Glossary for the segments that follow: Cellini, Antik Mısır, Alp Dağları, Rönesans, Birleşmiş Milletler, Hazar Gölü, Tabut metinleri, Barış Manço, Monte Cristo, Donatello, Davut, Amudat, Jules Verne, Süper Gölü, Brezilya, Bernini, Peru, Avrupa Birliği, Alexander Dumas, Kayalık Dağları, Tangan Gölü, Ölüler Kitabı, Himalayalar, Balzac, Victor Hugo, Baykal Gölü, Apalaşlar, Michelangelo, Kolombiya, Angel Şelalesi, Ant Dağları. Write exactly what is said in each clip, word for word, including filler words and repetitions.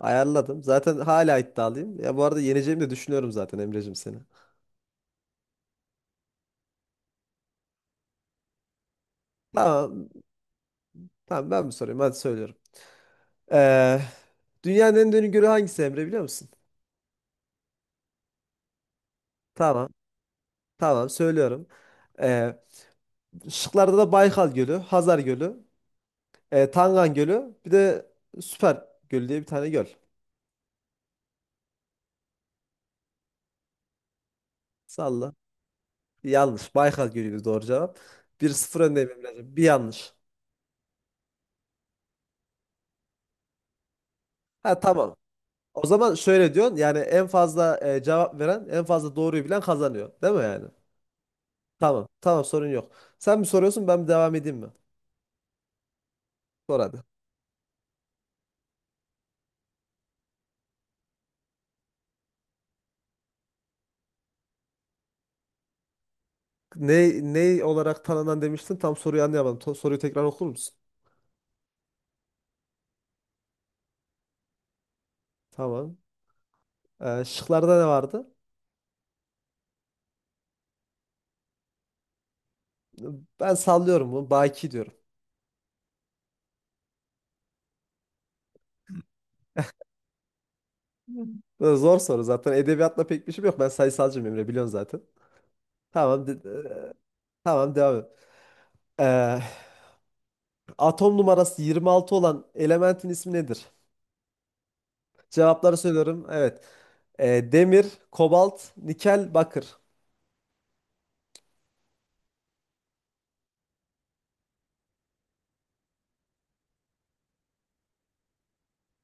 Ayarladım. Zaten hala iddialıyım. Ya bu arada yeneceğimi de düşünüyorum zaten Emre'cim seni. Tamam, tamam ben mi sorayım? Hadi söylüyorum. Ee, Dünyanın en derin gölü hangisi Emre biliyor musun? Tamam, tamam söylüyorum. Ee, Şıklarda da Baykal Gölü, Hazar Gölü, e, Tangan Gölü, bir de Süper Gölü diye bir tane göl. Salla. Yanlış. Baykal Gölü'ydü doğru cevap. Bir sıfır öndeyim Emre'cim. Bir yanlış. Ha tamam. O zaman şöyle diyorsun yani en fazla e, cevap veren en fazla doğruyu bilen kazanıyor. Değil mi yani? Tamam. Tamam sorun yok. Sen mi soruyorsun ben mi devam edeyim mi? Sor hadi. Ne, ne olarak tanınan demiştin? Tam soruyu anlayamadım. To- soruyu tekrar okur musun? Tamam. Ee, şıklarda ne vardı? Ben sallıyorum bunu. Baki diyorum. Ee, Zor soru zaten. Edebiyatla pek bir şeyim yok. Ben sayısalcıyım Emre biliyorsun zaten. Tamam. de- e, tamam devam et. Ee, Atom numarası yirmi altı olan elementin ismi nedir? Cevapları söylüyorum. Evet. Ee, demir, kobalt, nikel, bakır.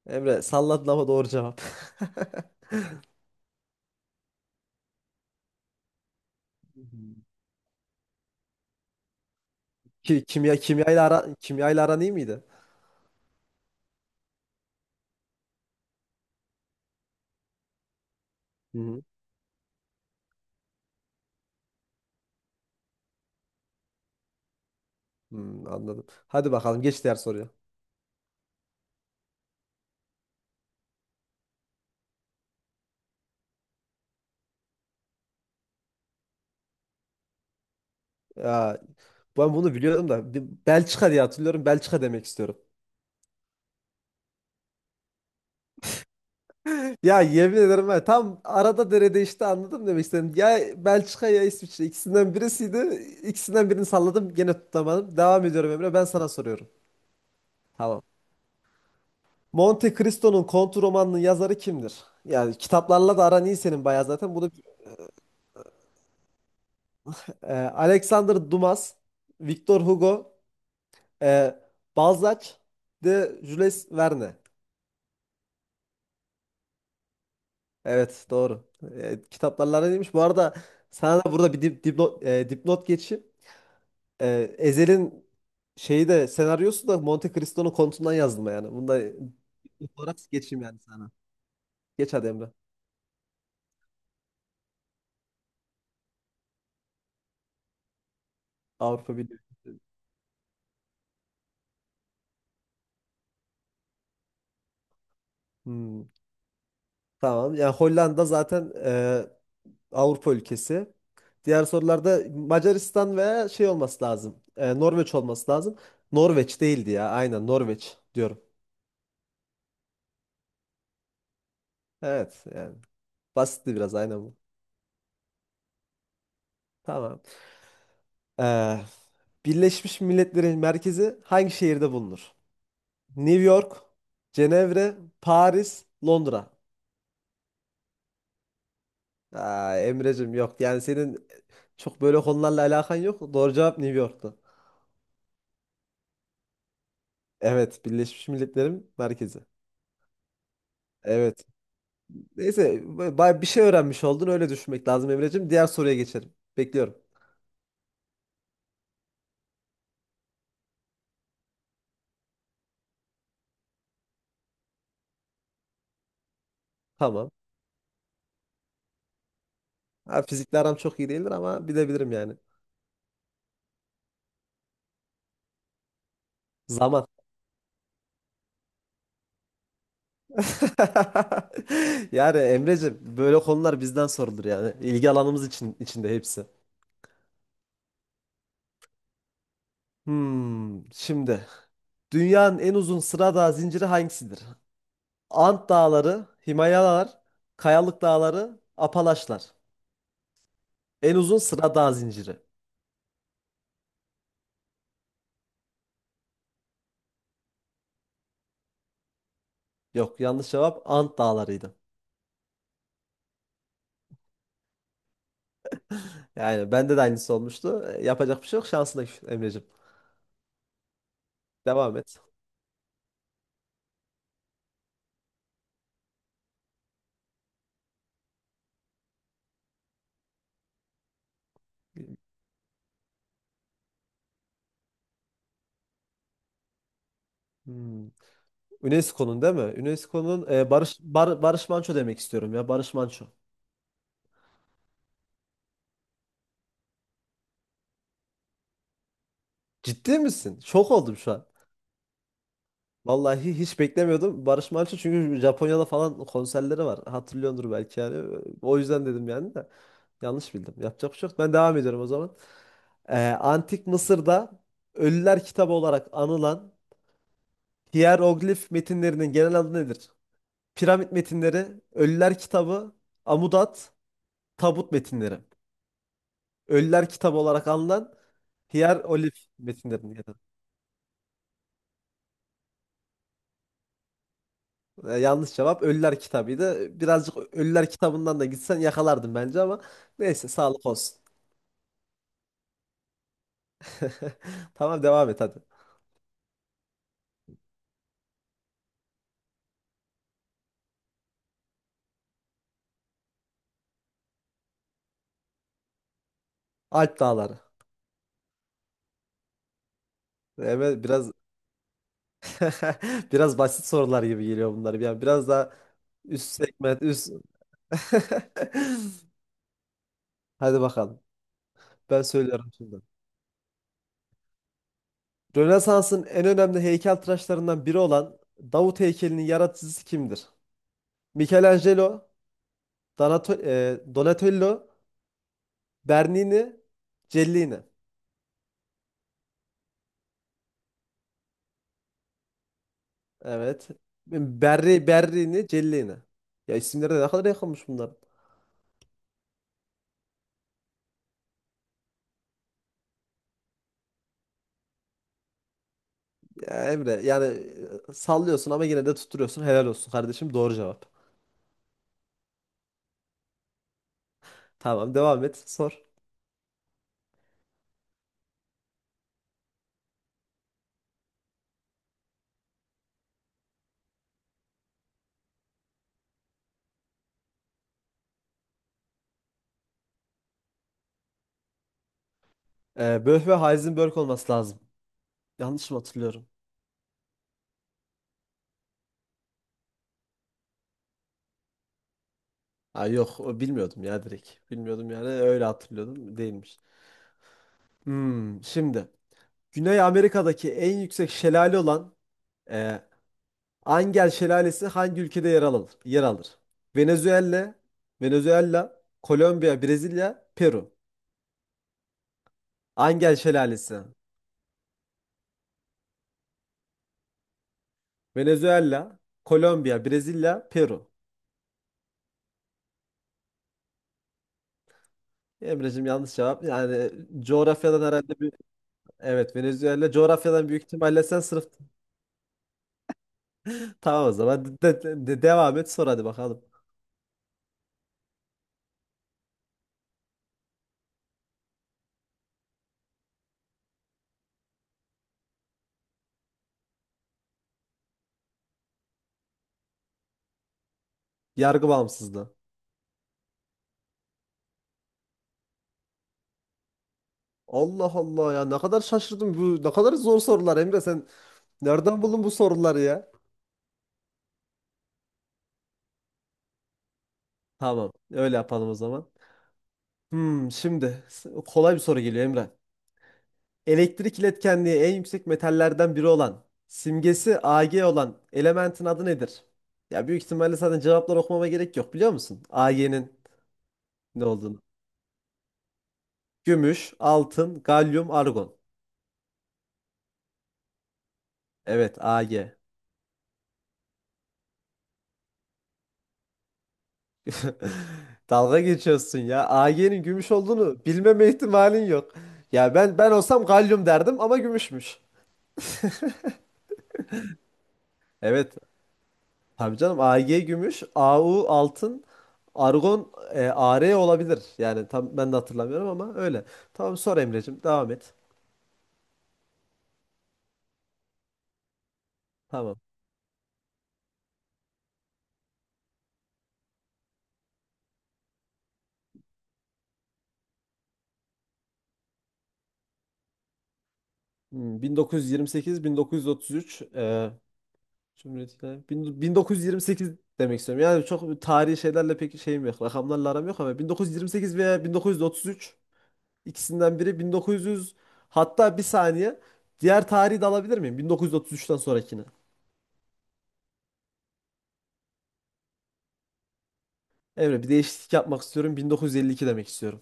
Emre salladın ama doğru cevap. Ki, kimya kimyayla ara kimyayla aran iyi miydi? Hı hı. Hmm, anladım. Hadi bakalım geç diğer soruya. Ya, ben bunu biliyorum da bir Belçika diye hatırlıyorum. Belçika demek istiyorum. Ya yemin ederim ben tam arada derede işte anladım demek istedim. Ya Belçika ya İsviçre ikisinden birisiydi. İkisinden birini salladım gene tutamadım. Devam ediyorum Emre ben sana soruyorum. Tamam. Monte Cristo'nun Kont romanının yazarı kimdir? Yani kitaplarla da aran iyi senin bayağı zaten. Bunu e, Alexander Dumas, Victor Hugo, Ee, Balzac de Jules Verne. Evet doğru. Ee, kitaplarla neymiş? Bu arada sana da burada bir dip, dipnot, e, dipnot geçeyim. Ee, Ezel'in şeyi de senaryosu da Monte Cristo'nun kontundan yazılma yani. Bunu da dipnot olarak geçeyim yani sana. Geç hadi Emre. Avrupa Birliği. Hmm, tamam. Yani Hollanda zaten e, Avrupa ülkesi. Diğer sorularda Macaristan veya şey olması lazım. E, Norveç olması lazım. Norveç değildi ya. Aynen Norveç diyorum. Evet yani basitti biraz aynen bu. Tamam. Ee, Birleşmiş Milletler'in merkezi hangi şehirde bulunur? New York, Cenevre, Paris, Londra. Aa, Emre'cim yok. Yani senin çok böyle konularla alakan yok. Doğru cevap New York'tu. Evet, Birleşmiş Milletler'in merkezi. Evet. Neyse, bay bir şey öğrenmiş oldun. Öyle düşünmek lazım Emre'cim. Diğer soruya geçelim. Bekliyorum. Tamam. Ha, fizikle aram çok iyi değildir ama bilebilirim yani. Zaman. Yani Emreciğim böyle konular bizden sorulur yani. İlgi alanımız için içinde hepsi. Hmm, şimdi dünyanın en uzun sıra dağ zinciri hangisidir? Ant Dağları, Himalayalar, Kayalık Dağları, Apalaşlar. En uzun sıra dağ zinciri. Yok yanlış cevap Ant Dağları'ydı. Yani bende de aynısı olmuştu. E, yapacak bir şey yok. Şansına küs Emreciğim. Devam et. Hmm. UNESCO'nun değil mi? UNESCO'nun e, Barış Bar- Barış Manço demek istiyorum ya. Barış Manço. Ciddi misin? Şok oldum şu an. Vallahi hiç beklemiyordum. Barış Manço çünkü Japonya'da falan konserleri var. Hatırlıyordur belki yani. O yüzden dedim yani de. Yanlış bildim. Yapacak bir şey yok. Ben devam ediyorum o zaman. Ee, Antik Mısır'da Ölüler Kitabı olarak anılan hieroglif metinlerinin genel adı nedir? Piramit metinleri, Ölüler Kitabı, Amudat, Tabut metinleri. Ölüler Kitabı olarak anılan hieroglif metinlerinin genel adı. E, yanlış cevap Ölüler Kitabı'ydı. Birazcık Ölüler Kitabı'ndan da gitsen yakalardın bence ama neyse sağlık olsun. Tamam devam et hadi. Alp Dağları. Evet biraz biraz basit sorular gibi geliyor bunlar. Yani biraz daha üst segment üst. Hadi bakalım. Ben söylüyorum şimdi. Rönesans'ın en önemli heykeltıraşlarından biri olan Davut heykelinin yaratıcısı kimdir? Michelangelo, Donato- e, Donatello, Bernini, Cellini. Evet. Berri, Berrini, Celle'ni. Ya isimleri de ne kadar yakınmış bunlar. Ya Emre yani e, sallıyorsun ama yine de tutturuyorsun. Helal olsun kardeşim. Doğru cevap. Tamam devam et. Sor. Ee, Böf ve Heisenberg olması lazım. Yanlış mı hatırlıyorum? Ha, yok o bilmiyordum ya direkt. Bilmiyordum yani öyle hatırlıyordum. Değilmiş. Hmm, şimdi. Güney Amerika'daki en yüksek şelale olan e, Angel Şelalesi hangi ülkede yer alır? Yer alır. Venezuela, Venezuela, Kolombiya, Brezilya, Peru. Angel Şelalesi. Venezuela, Kolombiya, Brezilya, Peru. Emre'cim yanlış cevap. Yani coğrafyadan herhalde bir... Evet Venezuela. Coğrafyadan büyük ihtimalle sen sınıf... Tamam o zaman. De, de- de- devam et sor hadi bakalım. Yargı bağımsızlığı. Allah Allah ya ne kadar şaşırdım. Bu ne kadar zor sorular Emre sen nereden buldun bu soruları ya? Tamam öyle yapalım o zaman. Hmm, şimdi s- kolay bir soru geliyor Emre. Elektrik iletkenliği en yüksek metallerden biri olan, simgesi Ag olan elementin adı nedir? Ya büyük ihtimalle zaten cevaplar okumama gerek yok biliyor musun? Ag'nin ne olduğunu. Gümüş, altın, galyum, argon. Evet, Ag. Dalga geçiyorsun ya. Ag'nin gümüş olduğunu bilmeme ihtimalin yok. Ya ben ben olsam galyum derdim ama gümüşmüş. Evet. Tabii canım Ag gümüş, Au altın, Argon e, A R olabilir. Yani tam ben de hatırlamıyorum ama öyle. Tamam sor Emre'cim devam et. Tamam. Hmm, bin dokuz yüz yirmi sekiz-bin dokuz yüz otuz üç e, Cumhuriyet'le bin- 1928 demek istiyorum. Yani çok tarihi şeylerle pek şeyim yok. Rakamlarla aram yok ama bin dokuz yüz yirmi sekiz veya bin dokuz yüz otuz üç ikisinden biri bin dokuz yüz hatta bir saniye diğer tarihi de alabilir miyim? bin dokuz yüz otuz üçten sonrakini. Emre bir değişiklik yapmak istiyorum. bin dokuz yüz elli iki demek istiyorum.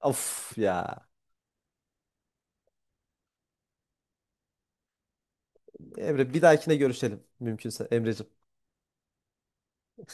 Of ya. Emre bir dahakine görüşelim mümkünse Emreciğim.